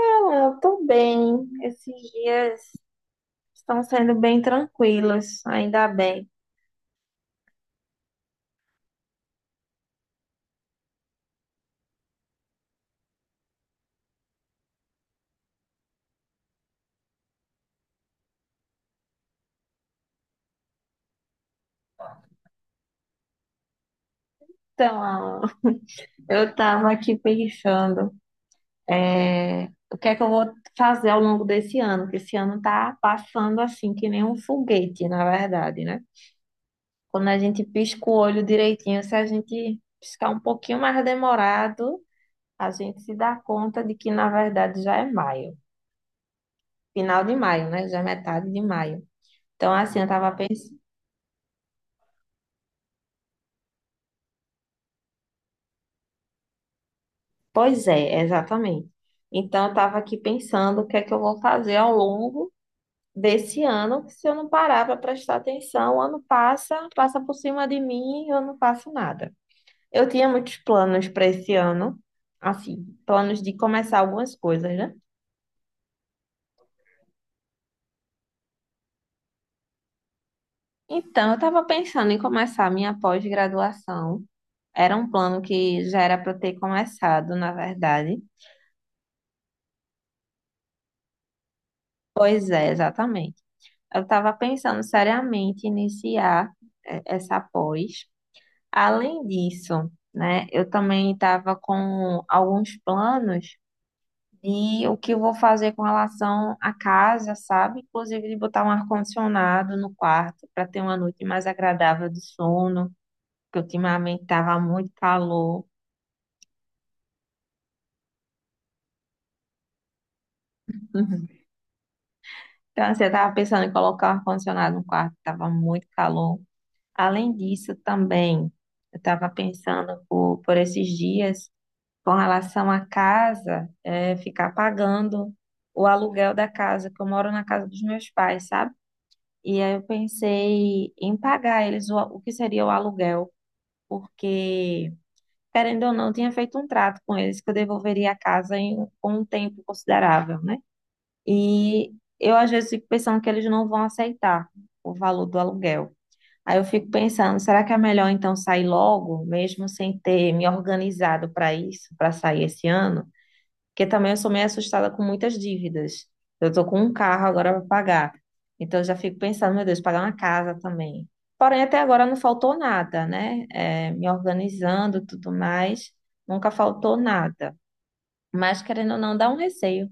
Ah, eu tô bem. Esses dias estão sendo bem tranquilos, ainda bem. Então, Alan, eu tava aqui pensando, é, o que é que eu vou fazer ao longo desse ano, porque esse ano tá passando assim, que nem um foguete, na verdade, né? Quando a gente pisca o olho direitinho, se a gente piscar um pouquinho mais demorado, a gente se dá conta de que, na verdade, já é maio. Final de maio, né? Já é metade de maio. Então, assim, eu tava pensando. Pois é, exatamente. Então, eu estava aqui pensando o que é que eu vou fazer ao longo desse ano, que se eu não parar para prestar atenção, o ano passa, passa por cima de mim e eu não faço nada. Eu tinha muitos planos para esse ano, assim, planos de começar algumas coisas, né? Então, eu estava pensando em começar a minha pós-graduação. Era um plano que já era para eu ter começado, na verdade. Pois é, exatamente. Eu estava pensando seriamente em iniciar essa pós. Além disso, né, eu também estava com alguns planos de o que eu vou fazer com relação à casa, sabe? Inclusive de botar um ar-condicionado no quarto para ter uma noite mais agradável de sono, porque ultimamente estava muito calor. Então, assim, eu estava pensando em colocar um ar-condicionado no quarto, estava muito calor. Além disso, também, eu estava pensando por esses dias. Com relação à casa, é ficar pagando o aluguel da casa, que eu moro na casa dos meus pais, sabe? E aí eu pensei em pagar eles o que seria o aluguel, porque, querendo ou não, eu tinha feito um trato com eles que eu devolveria a casa com um tempo considerável, né? E eu às vezes fico pensando que eles não vão aceitar o valor do aluguel. Aí eu fico pensando, será que é melhor então sair logo, mesmo sem ter me organizado para isso, para sair esse ano? Porque também eu sou meio assustada com muitas dívidas. Eu tô com um carro agora para pagar. Então eu já fico pensando, meu Deus, pagar uma casa também. Porém, até agora não faltou nada, né? É, me organizando, e tudo mais, nunca faltou nada. Mas querendo ou não, dá um receio.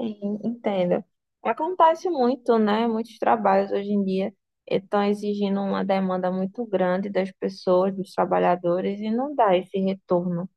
Sim, entendo. Acontece muito, né? Muitos trabalhos hoje em dia estão exigindo uma demanda muito grande das pessoas, dos trabalhadores, e não dá esse retorno.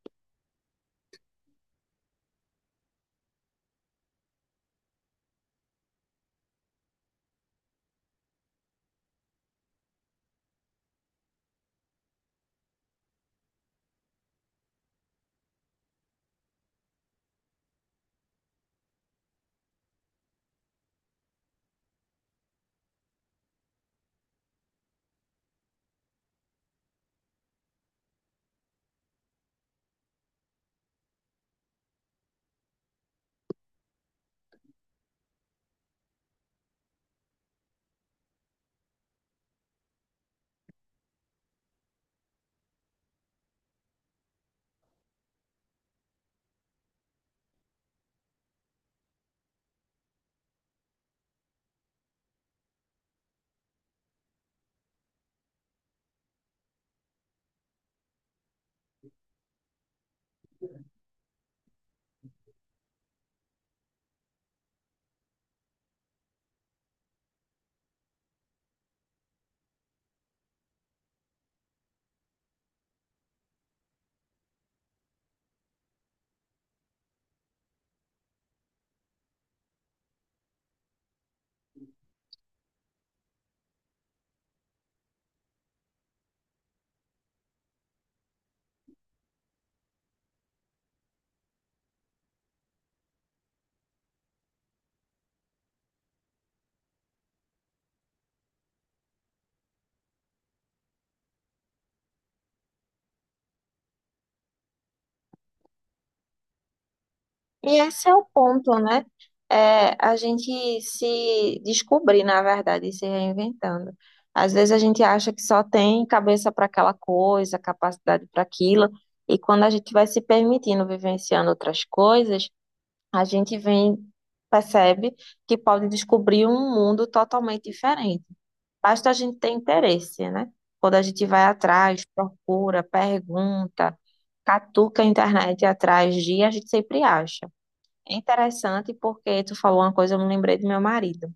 E esse é o ponto, né? É a gente se descobrir, na verdade, e se reinventando. Às vezes a gente acha que só tem cabeça para aquela coisa, capacidade para aquilo, e quando a gente vai se permitindo vivenciando outras coisas, a gente vem, percebe que pode descobrir um mundo totalmente diferente. Basta a gente ter interesse, né? Quando a gente vai atrás, procura, pergunta, catuca a internet atrás de, a gente sempre acha. É interessante porque tu falou uma coisa, eu me lembrei do meu marido.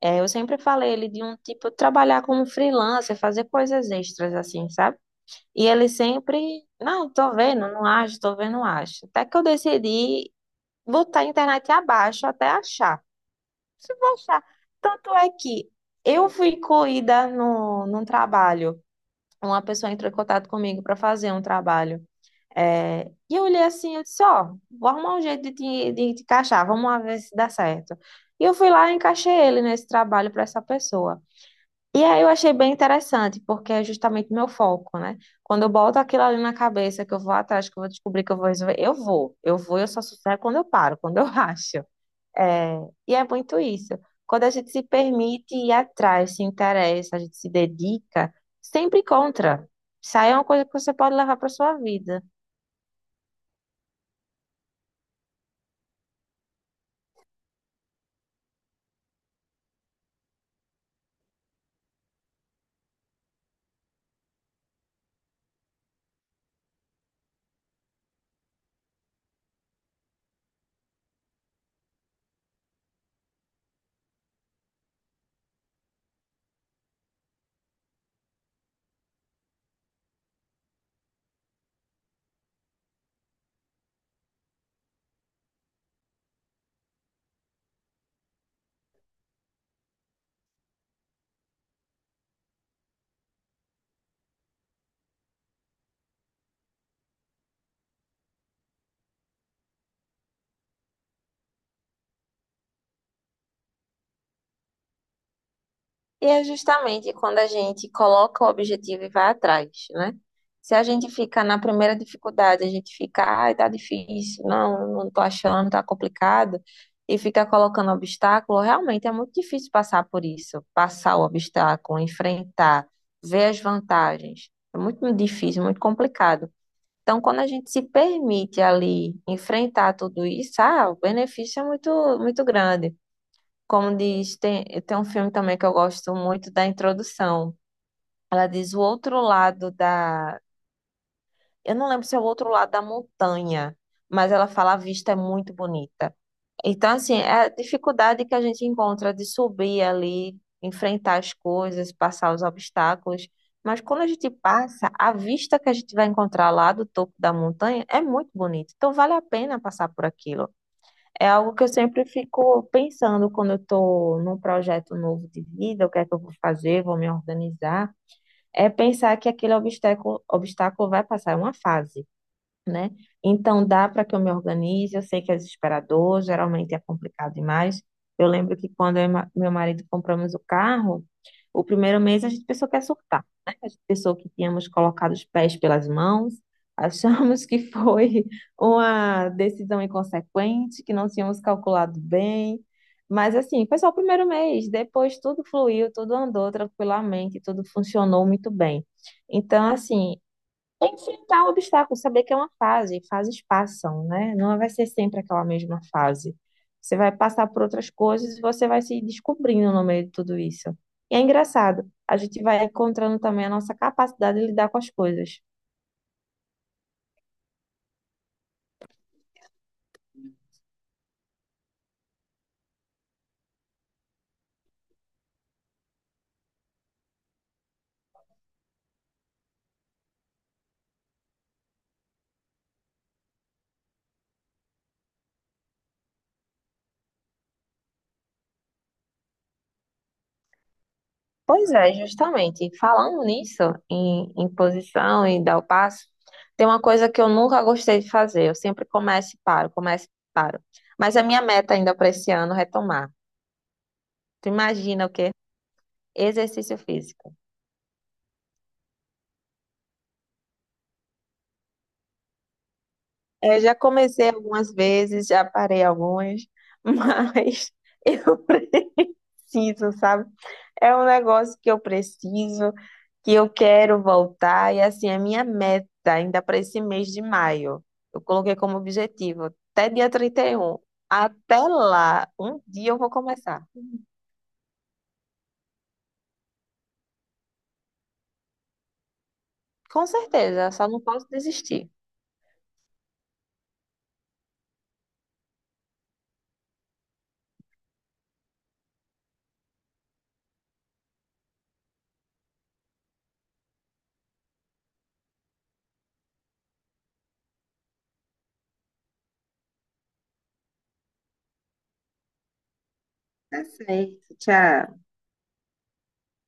É, eu sempre falei ele de um tipo trabalhar como freelancer, fazer coisas extras assim, sabe? E ele sempre, não, tô vendo, não acho, tô vendo, não acho. Até que eu decidi botar a internet abaixo até achar. Se vou achar. Tanto é que eu fui incluída no, num trabalho. Uma pessoa entrou em contato comigo para fazer um trabalho. É, e eu olhei assim, eu disse, ó, vou arrumar um jeito de te encaixar, vamos lá ver se dá certo. E eu fui lá e encaixei ele nesse trabalho para essa pessoa. E aí eu achei bem interessante, porque é justamente meu foco, né? Quando eu boto aquilo ali na cabeça, que eu vou atrás, que eu vou descobrir que eu vou resolver, eu vou, eu só sucesso é quando eu paro, quando eu acho. É, e é muito isso. Quando a gente se permite ir atrás, se interessa, a gente se dedica, sempre encontra. Isso aí é uma coisa que você pode levar para sua vida. E é justamente quando a gente coloca o objetivo e vai atrás, né? Se a gente fica na primeira dificuldade, a gente fica, ai, tá difícil, não tô achando, tá complicado, e fica colocando obstáculo, realmente é muito difícil passar por isso, passar o obstáculo, enfrentar, ver as vantagens. É muito difícil, muito complicado. Então, quando a gente se permite ali enfrentar tudo isso, ah, o benefício é muito, muito grande. Como diz, tem um filme também que eu gosto muito da introdução. Ela diz o outro lado da. Eu não lembro se é o outro lado da montanha, mas ela fala a vista é muito bonita. Então, assim, é a dificuldade que a gente encontra de subir ali, enfrentar as coisas, passar os obstáculos. Mas quando a gente passa, a vista que a gente vai encontrar lá do topo da montanha é muito bonita. Então, vale a pena passar por aquilo. É algo que eu sempre fico pensando quando eu estou num projeto novo de vida, o que é que eu vou fazer, vou me organizar. É pensar que aquele obstáculo vai passar, é uma fase né? Então dá para que eu me organize. Eu sei que é desesperador, geralmente é complicado demais. Eu lembro que quando eu e meu marido compramos o carro, o primeiro mês a gente pensou que ia surtar, né? A gente pensou que tínhamos colocado os pés pelas mãos, achamos que foi uma decisão inconsequente, que não tínhamos calculado bem. Mas assim, foi só o primeiro mês, depois tudo fluiu, tudo andou tranquilamente, tudo funcionou muito bem. Então, assim, é enfrentar o obstáculo, saber que é uma fase, fases passam, né? Não vai ser sempre aquela mesma fase. Você vai passar por outras coisas e você vai se descobrindo no meio de tudo isso. E é engraçado, a gente vai encontrando também a nossa capacidade de lidar com as coisas. Pois é, justamente. Falando nisso, em posição e dar o passo, tem uma coisa que eu nunca gostei de fazer. Eu sempre começo e paro, começo e paro. Mas a minha meta ainda para esse ano é retomar. Tu imagina o quê? Exercício físico. É, já comecei algumas vezes, já parei algumas, mas eu preciso, sabe? É um negócio que eu preciso, que eu quero voltar, e assim, a minha meta ainda para esse mês de maio, eu coloquei como objetivo até dia 31. Até lá, um dia eu vou começar. Com certeza, só não posso desistir. Tá certo, tchau.